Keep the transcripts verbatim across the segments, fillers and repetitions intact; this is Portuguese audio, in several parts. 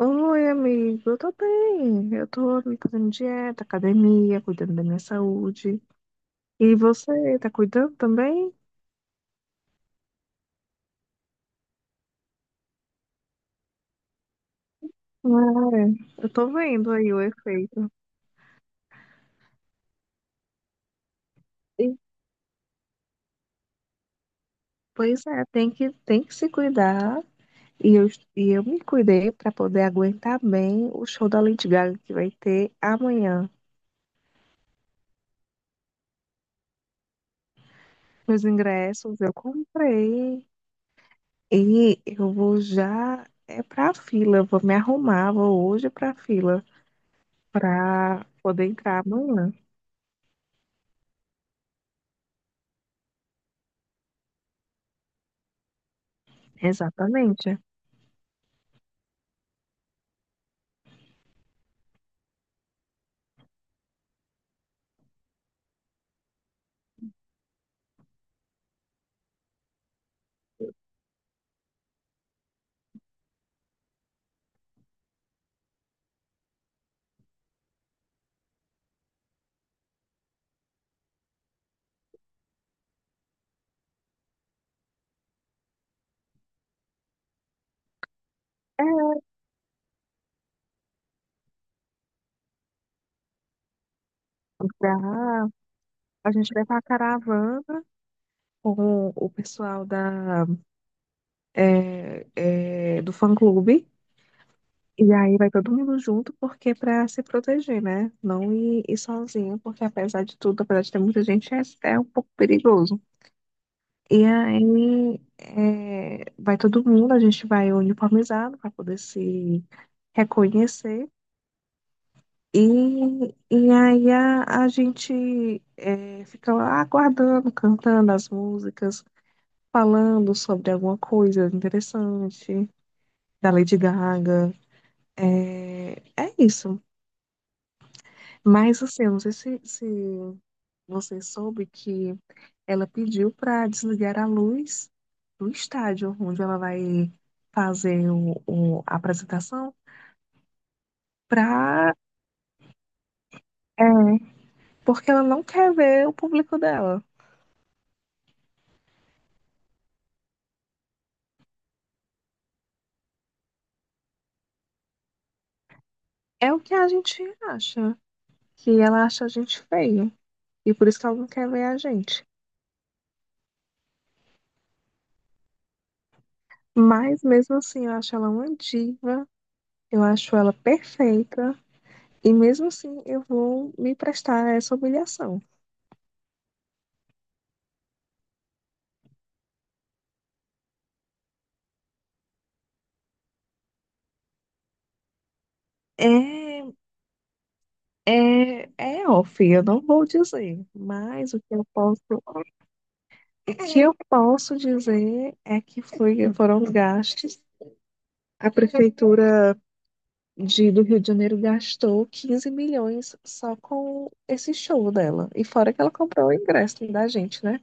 Oi, amigo, eu tô bem. Eu tô me fazendo dieta, academia, cuidando da minha saúde. E você, tá cuidando também? Ah, eu tô vendo aí o efeito. E, pois é, tem que, tem que se cuidar. E eu, e eu me cuidei pra poder aguentar bem o show da Lady Gaga que vai ter amanhã. Meus ingressos eu comprei e eu vou já é pra fila. Eu vou me arrumar, vou hoje pra fila pra poder entrar amanhã. Exatamente. É, dá- a gente vai para a caravana com o pessoal da, é, é, do fã-clube. E aí vai todo mundo junto, porque para se proteger, né? Não ir, ir sozinho, porque apesar de tudo, apesar de ter muita gente, é, é um pouco perigoso. E aí é, vai todo mundo, a gente vai uniformizado para poder se reconhecer. E, e aí a, a gente é, fica lá aguardando, cantando as músicas, falando sobre alguma coisa interessante da Lady Gaga. É, é isso. Mas assim, eu não sei se, se você soube que ela pediu para desligar a luz do estádio onde ela vai fazer o, o- a apresentação, pra, é, porque ela não quer ver o público dela. É o que a gente acha, que ela acha a gente feio e por isso que ela não quer ver a gente. Mas mesmo assim, eu acho ela uma diva, eu acho ela perfeita e mesmo assim eu vou me prestar a essa humilhação. É, é, É off, eu não vou dizer, mas o que eu posso, o que eu posso dizer é que foi, foram gastos. A prefeitura de, do Rio de Janeiro gastou quinze milhões só com esse show dela. E fora que ela comprou o ingresso da gente, né?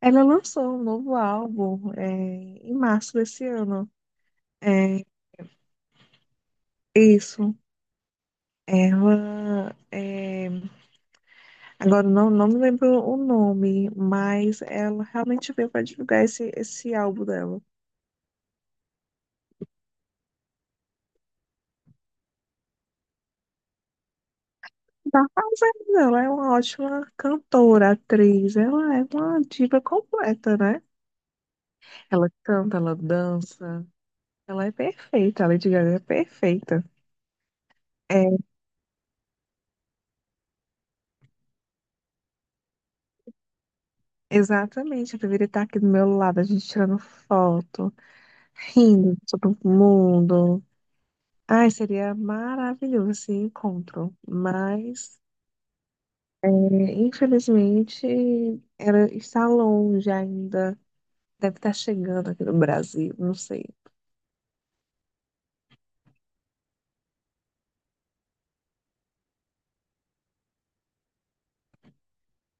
Ela lançou um novo álbum é, em março desse ano. É, isso. Ela. É, agora não, não me lembro o nome, mas ela realmente veio para divulgar esse, esse álbum dela. Tá fazendo, ela é uma ótima cantora, atriz, ela é uma diva completa, né? Ela canta, ela dança, ela é perfeita, a Lady Gaga é perfeita. É, exatamente, eu deveria estar aqui do meu lado, a gente tirando foto, rindo todo mundo. Ai, seria maravilhoso esse encontro, mas é, infelizmente era, está longe ainda. Deve estar chegando aqui no Brasil, não sei.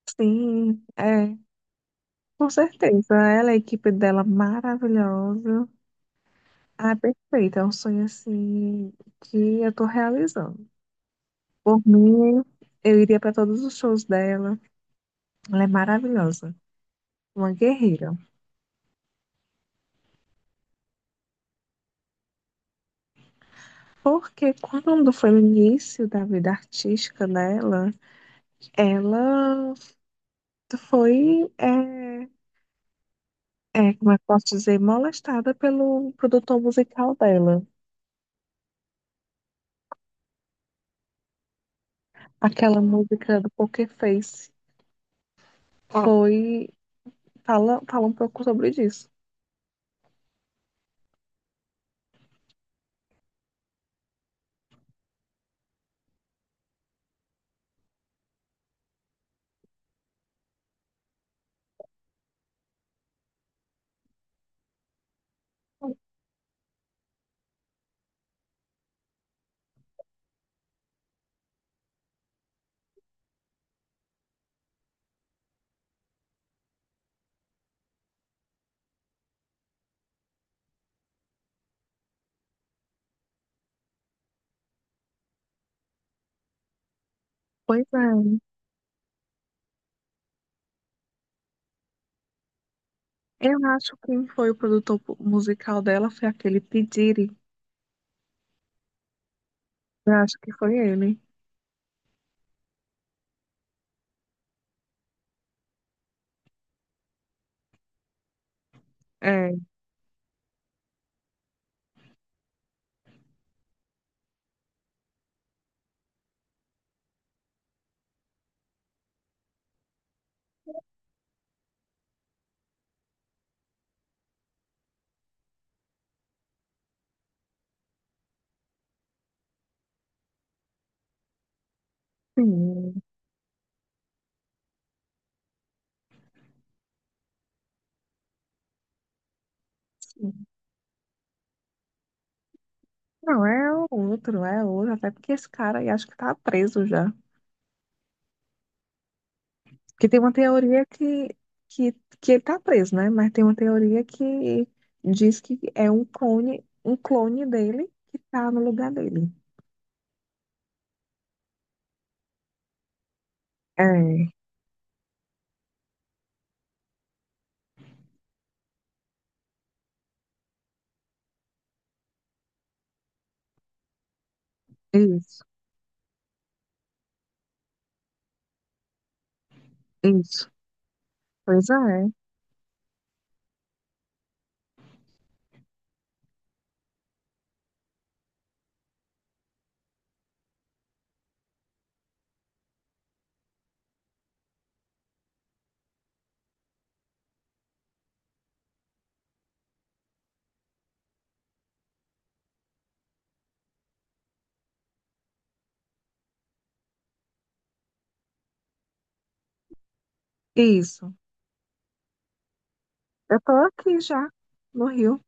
Sim, é, com certeza. Ela, a equipe dela maravilhosa. Ah, perfeita. É um sonho assim que eu tô realizando. Por mim, eu iria para todos os shows dela. Ela é maravilhosa, uma guerreira. Porque quando foi o início da vida artística dela, ela foi, é, é, como é que posso dizer, molestada pelo produtor musical dela. Aquela música do Poker Face foi, fala, fala um pouco sobre isso. Pois é, eu acho que quem foi o produtor musical dela foi aquele P. Diddy. Eu acho que foi ele. É, sim, sim. Não, é outro, é outro, até porque esse cara aí acho que tá preso já. Porque tem uma teoria que, que, que ele tá preso, né? Mas tem uma teoria que diz que é um clone, um clone dele que tá no lugar dele. É, isso, isso. Pois é, isso. Eu tô aqui já, no Rio.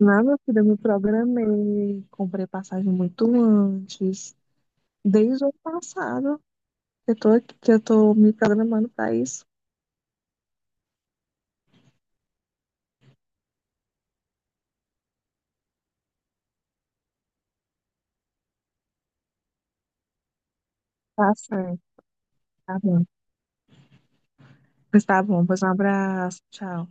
Na minha vida, eu me programei, comprei passagem muito antes. Desde o ano passado, eu tô aqui, que eu tô me programando pra isso. Tá certo, tá bom. Pois tá bom, pois um abraço, tchau.